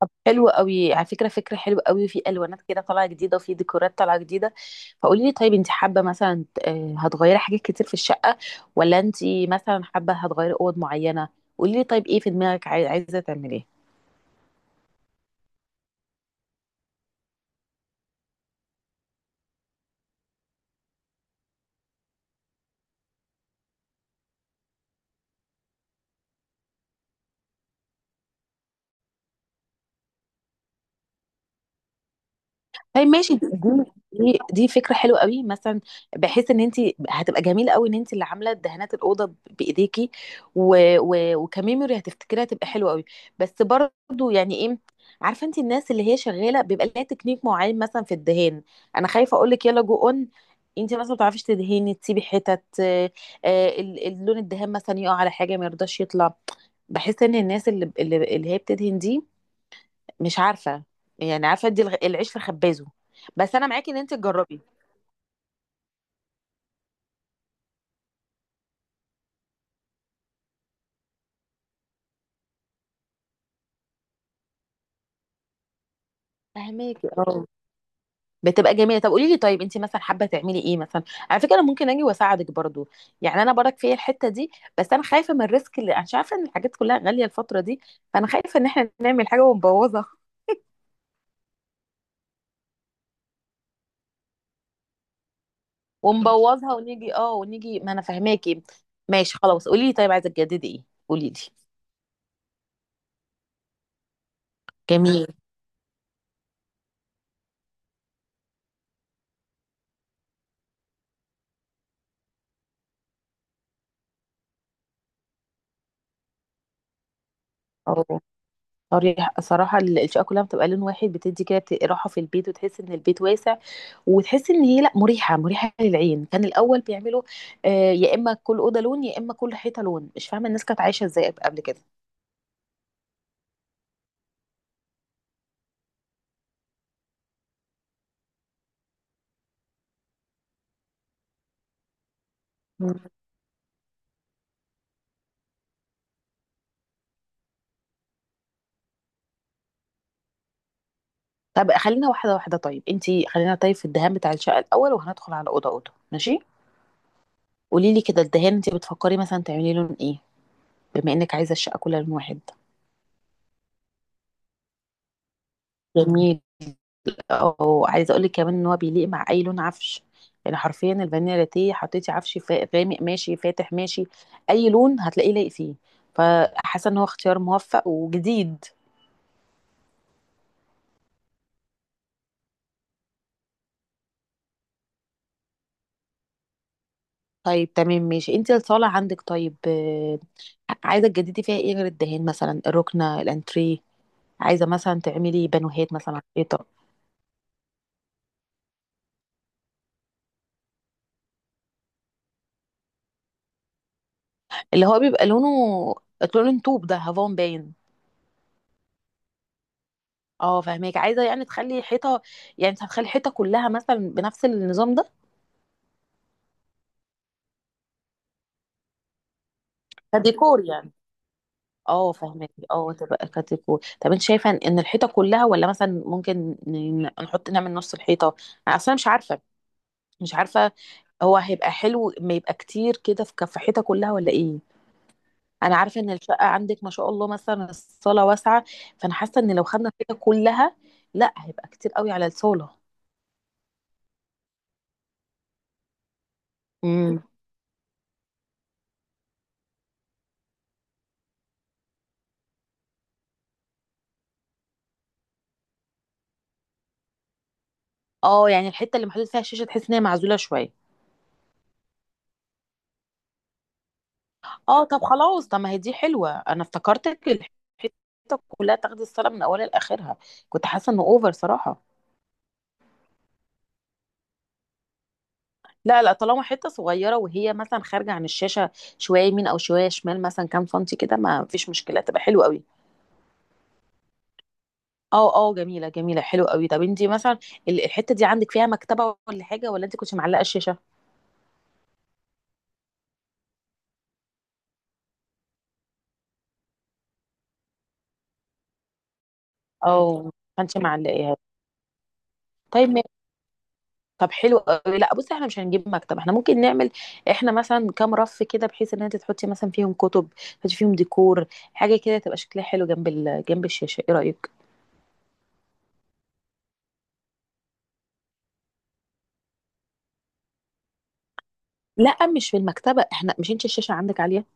طب حلو قوي على فكره، فكره حلوه قوي. في الوانات كده طالعه جديده وفي ديكورات طالعه جديده. فقولي لي طيب انت حابه مثلا هتغيري حاجات كتير في الشقه، ولا انت مثلا حابه هتغيري اوض معينه؟ قولي لي طيب ايه في دماغك عايزه تعمليه؟ طيب ماشي دي فكره حلوه قوي مثلا، بحيث ان انت هتبقى جميله قوي ان انت اللي عامله دهانات الاوضه بايديكي. و... و... وكميموري هتفتكريها، هتبقى حلوه قوي. بس برضو يعني ايه، عارفه انت الناس اللي هي شغاله بيبقى لها تكنيك معين مثلا في الدهان. انا خايفه اقول لك يلا جو اون، انت مثلا ما بتعرفيش تدهني، تسيبي حتت. اللون الدهان مثلا يقع على حاجه ما يرضاش يطلع. بحس ان الناس اللي هي بتدهن دي مش عارفه، يعني عارفه ادي العيش في خبازه. بس انا معاكي ان انت تجربي. فهماكي، اه بتبقى جميله. طب قولي لي طيب انت مثلا حابه تعملي ايه مثلا؟ على فكره انا ممكن اجي واساعدك برضو، يعني انا برك فيا الحته دي. بس انا خايفه من الريسك اللي، عشان عارفه ان الحاجات كلها غاليه الفتره دي، فانا خايفه ان احنا نعمل حاجه ونبوظها. ونبوظها ونيجي، اه ونيجي، ما انا فهماكي. ماشي خلاص، قولي لي طيب عايزه تجددي ايه؟ قولي لي جميل. اه، صريح صراحة الشقة كلها بتبقى لون واحد بتدي كده راحة في البيت، وتحس ان البيت واسع، وتحس ان هي لا، مريحة مريحة للعين. كان الأول بيعملوا آه، يا إما كل أوضة لون يا إما كل حيطة لون. مش فاهمة الناس كانت عايشة ازاي قبل كده. مم. طب خلينا واحدة واحدة، طيب انتي خلينا طيب في الدهان بتاع الشقة الأول، وهندخل على أوضة أوضة، ماشي. قولي لي كده، الدهان انتي بتفكري مثلا تعملي لون ايه، بما انك عايزة الشقة كلها لون واحد؟ جميل. او عايزه اقول لك كمان ان هو بيليق مع اي لون عفش، يعني حرفيا الفانيلا لاتيه، حطيتي عفش غامق ماشي، فاتح ماشي، اي لون هتلاقيه لايق فيه. فحاسه ان هو اختيار موفق وجديد. طيب تمام ماشي. انت الصاله عندك طيب، عايزه تجددي فيها ايه غير الدهان؟ مثلا الركنه الانتريه، عايزه مثلا تعملي بانوهات مثلا على الحيطه؟ اللي هو بيبقى لونه لون طوب، ده هافون باين. اه فاهمك، عايزه يعني تخلي حيطه، يعني انت هتخلي الحيطه كلها مثلا بنفس النظام ده، كديكور يعني؟ اه فهمت، اه تبقى كاتيكو. طب انت شايفه ان إن الحيطه كلها، ولا مثلا ممكن نحط نعمل نص الحيطه؟ انا اصلا مش عارفه، مش عارفه. هو هيبقى حلو ما يبقى كتير كده، في كف حيطه كلها ولا ايه؟ انا عارفه ان الشقه عندك ما شاء الله مثلا الصاله واسعه، فانا حاسه ان لو خدنا الحيطه كلها لا، هيبقى كتير قوي على الصاله. امم، اه يعني الحته اللي محطوط فيها الشاشه تحس ان هي معزوله شويه. اه طب خلاص، طب ما هي دي حلوه، انا افتكرتك الحته كلها تاخدي الصلاه من اولها لاخرها. كنت حاسه انه اوفر صراحه. لا لا، طالما حته صغيره وهي مثلا خارجه عن الشاشه شويه يمين او شويه شمال، مثلا كام سنتي كده ما فيش مشكله، تبقى حلوه قوي. اه اه جميله جميله، حلوه قوي. طب انت مثلا الحته دي عندك فيها مكتبه ولا حاجه، ولا انت كنت معلقه الشاشه او ما كنتش معلقاها؟ طيب. طب حلو أوي. لأ بُصّي، إحنا مش هنجيب مكتب، إحنا ممكن نعمل إحنا مثلًا كام رف كده بحيث إن أنتِ تحطّي مثلًا فيهم كُتب، تحطّي فيهم ديكور، حاجة كده تبقى شكلها حلو جنب ال جنب الشاشة، إيه رأيك؟ لأ مش في المكتبة، إحنا مش، أنتِ الشاشة عندِك عالية؟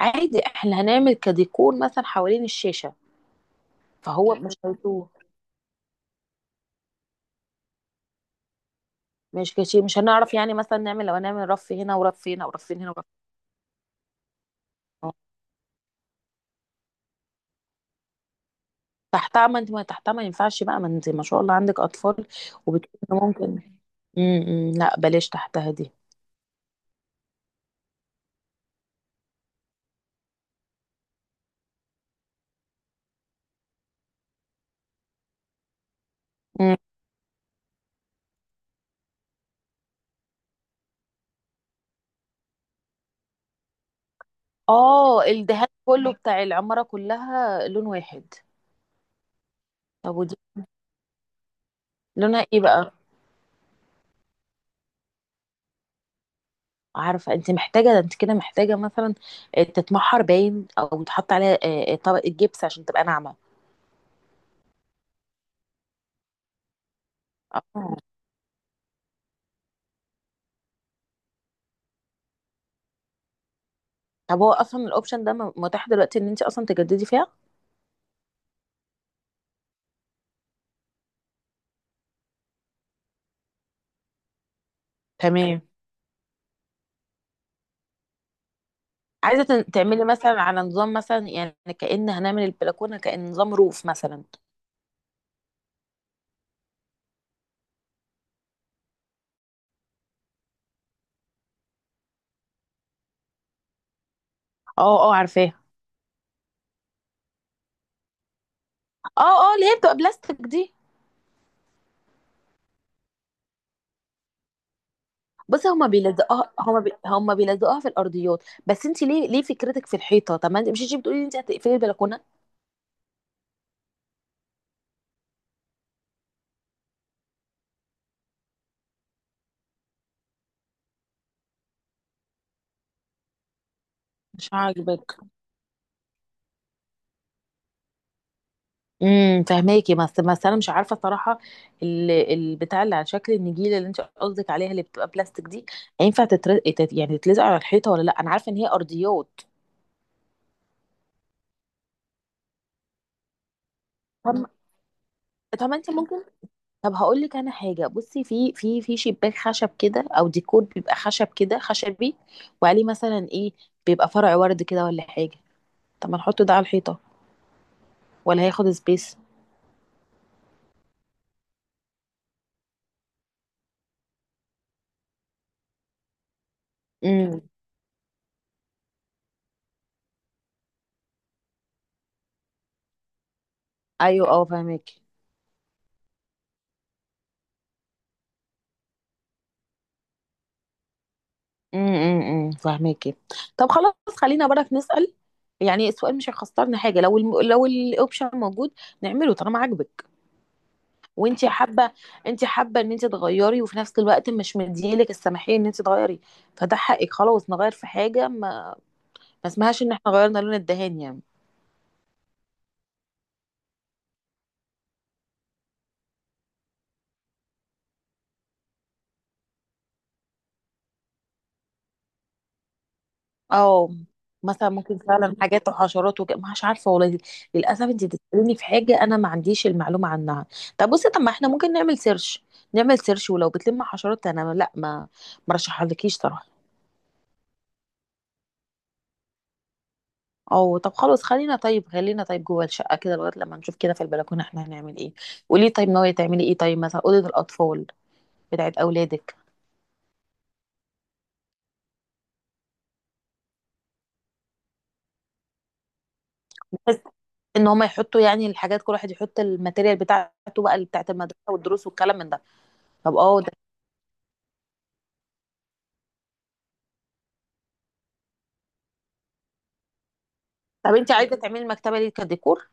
عادي، إحنا هنعمل كديكور مثلًا حوالين الشاشة، فهو مش هيتوه، مش كشي، مش هنعرف يعني مثلًا نعمل، لو هنعمل رف هنا ورف هنا ورفين هنا ورف. آه، تحتها، ما أنتِ، ما تحتها ما ينفعش بقى، ما أنتِ ما شاء الله عندِك أطفال وبتقولي إن ممكن. إمم، إمم، لأ بلاش تحتها دي. إمم. اه الدهان كله بتاع العمارة كلها لون واحد. طب ودي لونها ايه بقى؟ عارفة، انت محتاجة ده، انت كده محتاجة مثلا تتمحر باين، او تحط عليها طبقة جبس عشان تبقى ناعمة. آه. طب هو اصلا الاوبشن ده متاح دلوقتي ان انت اصلا تجددي فيها؟ تمام. عايزة تعملي مثلا على نظام مثلا، يعني كأن هنعمل البلكونة كأن نظام روف مثلا؟ اه اه عارفاه. اه اه اللي هي بتبقى بلاستيك دي. بصي هما بيلزقوها، هما بي... هما بيلزقوها في الارضيات، بس انت ليه ليه فكرتك في الحيطه؟ طب ما انت مش، انت بتقولي انت هتقفلي البلكونه؟ مش عاجبك. فهماكي، بس انا مش عارفه صراحه البتاع اللي على شكل النجيله اللي انت قصدك عليها، اللي بتبقى بلاستيك دي، هينفع تتر... تت... يعني تتلزق على الحيطه ولا لا؟ انا عارفه ان هي ارضيات. طب، طب انت ممكن، طب هقول لك انا حاجه. بصي، في شباك خشب كده، او ديكور بيبقى خشب كده خشبي، وعليه مثلا ايه، بيبقى فرع ورد كده ولا حاجه. طب ما نحط ده على الحيطه، ولا هياخد سبيس؟ امم. ايوه اه فاهماكي. فاهماكي. طب خلاص خلينا برك نسأل، يعني السؤال مش هيخسرنا حاجه، لو الم... لو الاوبشن موجود نعمله طالما عاجبك وانت حابه. انت حابه ان انت تغيري وفي نفس الوقت مش مديلك السماحيه ان انت تغيري، فده حقك. خلاص نغير في حاجه، ما ما اسمهاش ان احنا غيرنا لون الدهان يعني. اه، مثلا ممكن فعلا حاجات وحشرات وكده، مش عارفه والله دي، للاسف انت بتساليني في حاجه انا ما عنديش المعلومه عنها. طب بصي، طب ما احنا ممكن نعمل سيرش، نعمل سيرش. ولو بتلم حشرات انا لا، ما مرشحهالكيش صراحه. اه طب خلاص خلينا، طيب خلينا طيب جوه الشقه كده لغايه لما نشوف كده في البلكونه احنا هنعمل ايه. قولي طيب ناويه تعملي ايه، طيب مثلا اوضه الاطفال بتاعت اولادك؟ بحيث ان هم يحطوا، يعني الحاجات كل واحد يحط الماتيريال بتاعته بقى، اللي بتاعت المدرسه والدروس والكلام من ده. طب اه، طب انت عايزه تعملي المكتبه دي كديكور؟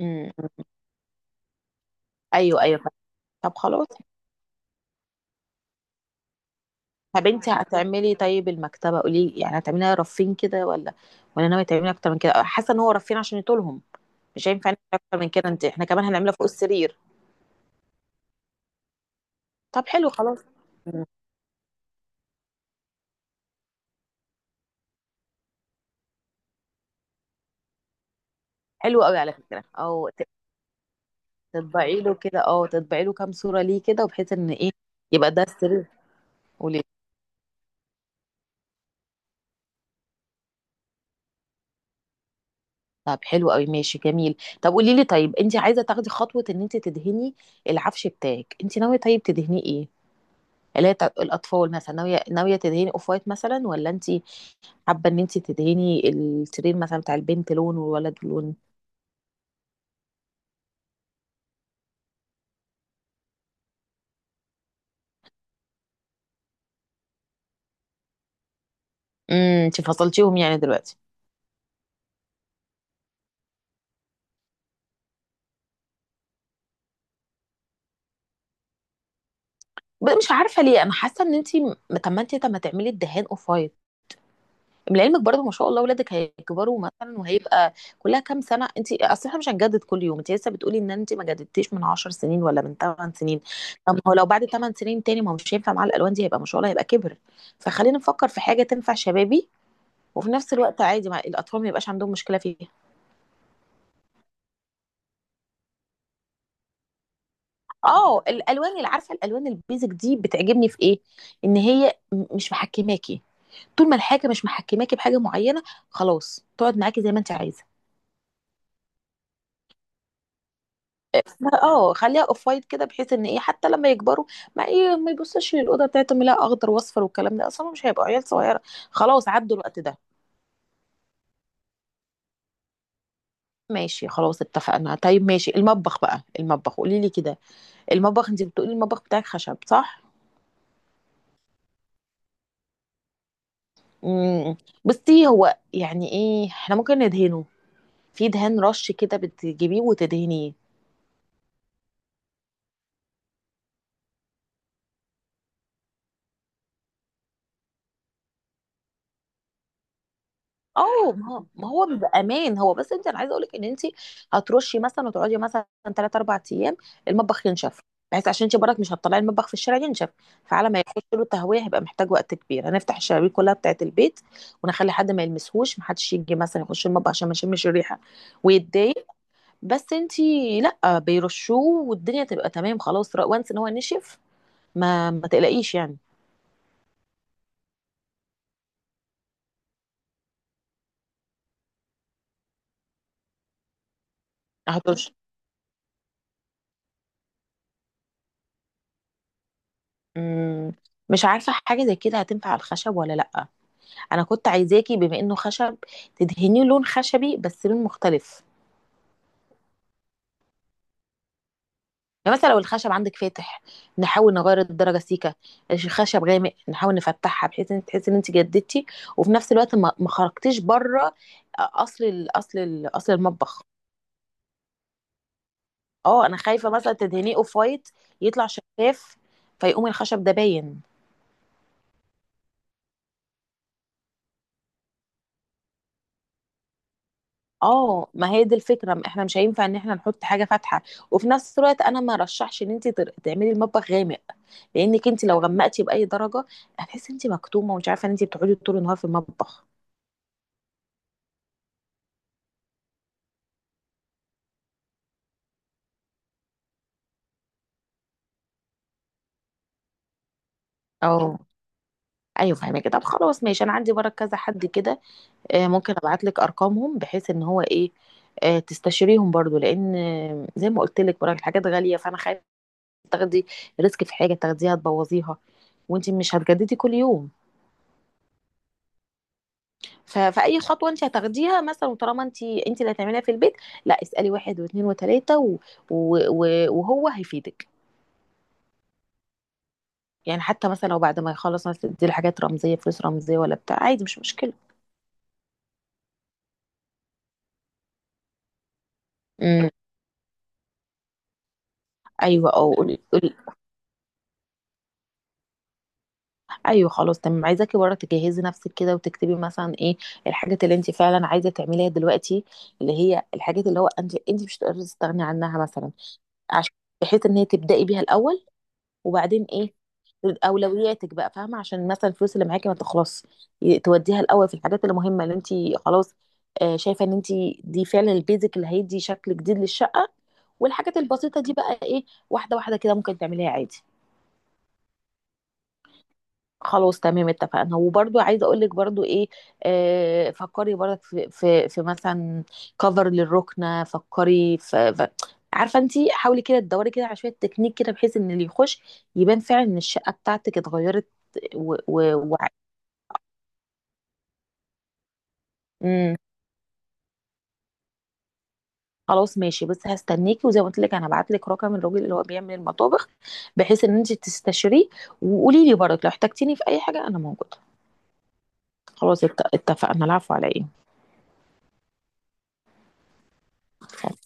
امم. ايوه ايوه فاهمة. طب خلاص، طب انت هتعملي طيب المكتبه، قولي لي يعني هتعمليها رفين كده ولا، ولا ناويه تعمليها اكتر من كده؟ حاسه ان هو رفين عشان يطولهم، مش هينفع نعمل اكتر من كده انت، احنا كمان هنعملها فوق السرير. طب حلو خلاص. مم. حلو قوي على فكره، تطبعي له كده، اه تطبعي له كام صوره ليه كده، وبحيث ان ايه يبقى ده السرير. قولي. طب حلو قوي ماشي جميل. طب قولي لي طيب، انت عايزه تاخدي خطوه ان انت تدهني العفش بتاعك؟ انت ناويه طيب تدهنيه ايه اللي هي بتاعت الاطفال مثلا، ناويه ناويه تدهني اوف وايت مثلا، ولا انت حابه ان انت تدهني السرير مثلا بتاع البنت لون والولد لون؟ امم، انت فصلتيهم يعني دلوقتي. مش عارفه ليه انا حاسه ان انت طب ما انت، طب ما تعملي الدهان اوف وايت. لعلمك برضه ما شاء الله ولادك هيكبروا مثلا، وهيبقى كلها كام سنه، انت اصل احنا مش هنجدد كل يوم. انت لسه بتقولي ان انت ما جددتيش من 10 سنين ولا من 8 سنين. طب ما هو لو بعد 8 سنين تاني ما هو مش هينفع مع الالوان دي، هيبقى ما شاء الله هيبقى كبر. فخلينا نفكر في حاجه تنفع شبابي، وفي نفس الوقت عادي مع الاطفال ما يبقاش عندهم مشكله فيها. اه، الالوان اللي، عارفه الالوان البيزك دي بتعجبني في ايه، ان هي مش محكماكي. طول ما الحاجه مش محكماكي بحاجه معينه خلاص تقعد معاكي زي ما انت عايزه. اه خليها اوف وايت كده، بحيث ان ايه حتى لما يكبروا، ما ايه ما يبصوش للاوضه بتاعتهم لا اخضر واصفر والكلام ده، اصلا مش هيبقوا عيال صغيره. خلاص عدوا الوقت ده. ماشي خلاص اتفقنا. طيب ماشي المطبخ بقى، المطبخ قولي لي كده، المطبخ انت بتقولي المطبخ بتاعك خشب صح؟ امم، بُصّي، هو يعني إيه، إحنا ممكن ندهنه، في دهان رش كده بتجيبيه وتدهنيه. ما هو ما هو بيبقى أمان، هو بس أنتِ، أنا عايزة أقول لِك إن أنتِ هترُشّي مثلًا وتقعدي مثلًا 3، 4 أيام، المطبخ ينشف، بحيث عشان أنتِ برّك مش هتطلّعي المطبخ في الشارع ينشف. فعلى ما يخش له تهوية هيبقى محتاج وقت كبير، هنفتح الشبابيك كلّها بتاعة البيت ونخلّي حد ما يلمسهوش، ما حدش ييجي مثلًا يخش المطبخ عشان ما يشمّش الريحة ويتضايق. بس أنتِ لأ، بيرشّوه والدنيا تبقى تمام خلاص، ر once إن هو نشف ما ما تقلقيش يعني. هترش. مم. مش عارفة حاجة زي كده هتنفع على الخشب ولا لأ. أنا كنت عايزاكي بما إنه خشب تدهنيه لون خشبي بس لون مختلف، يعني مثلا لو الخشب عندك فاتح نحاول نغير الدرجة سيكة، الخشب غامق نحاول نفتحها، بحيث إن تحسي إن أنت جددتي وفي نفس الوقت ما ما خرجتيش بره. أصل المطبخ، أه أنا خايفة مثلا تدهنيه أوف وايت يطلع شفاف، فيقوم الخشب ده باين. اه ما هي دي الفكره، ما احنا مش هينفع ان احنا نحط حاجه فاتحه، وفي نفس الوقت انا ما رشحش ان انت تعملي المطبخ غامق، لانك انت لو غمقتي باي درجه هتحسي انت مكتومه، ومش عارفه ان انت بتقعدي طول النهار في المطبخ. اه ايوه فاهمه كده. طب خلاص ماشي، انا عندي برك كذا حد كده، ممكن ابعت لك ارقامهم بحيث ان هو ايه، تستشيريهم برضو. لان زي ما قلت لك برك الحاجات غاليه، فانا خايفه تاخدي ريسك في حاجه تاخديها تبوظيها، وانت مش هتجددي كل يوم. ف- فاي خطوه انت هتاخديها مثلا، وطالما انت انت اللي هتعمليها في البيت، لا اسالي واحد واثنين وثلاثه و... و... وهو هيفيدك. يعني حتى مثلا لو بعد ما يخلص مثلا تدي حاجات رمزيه، فلوس رمزيه ولا بتاع، عادي مش مشكله. امم. ايوه اه قولي قولي. ايوه خلاص تمام. عايزاكي بره تجهزي نفسك كده وتكتبي مثلا ايه الحاجات اللي انت فعلا عايزه تعمليها دلوقتي، اللي هي الحاجات اللي هو انت، انت مش هتقدري تستغني عنها مثلا، عشان بحيث ان هي تبداي بيها الاول. وبعدين ايه، اولوياتك بقى فاهمه، عشان مثلا الفلوس اللي معاكي ما تخلص توديها الاول في الحاجات اللي مهمه اللي انت، خلاص شايفه ان انت دي فعلا البيزك اللي هيدي شكل جديد للشقه. والحاجات البسيطه دي بقى ايه، واحده واحده كده ممكن تعمليها عادي. خلاص تمام اتفقنا. وبرضو عايزه اقول لك برضو ايه، آه فكري برضك في مثلا كفر للركنه، فكري في عارفه انت، حاولي كده تدوري كده على شويه تكنيك كده بحيث ان اللي يخش يبان فعلا ان الشقه بتاعتك اتغيرت. امم. خلاص ماشي، بس هستناكي. وزي ما قلت لك انا هبعت لك رقم الراجل اللي هو بيعمل المطابخ بحيث ان انت تستشيريه، وقولي لي برضك لو احتجتيني في اي حاجه انا موجوده. خلاص اتفقنا. العفو على ايه.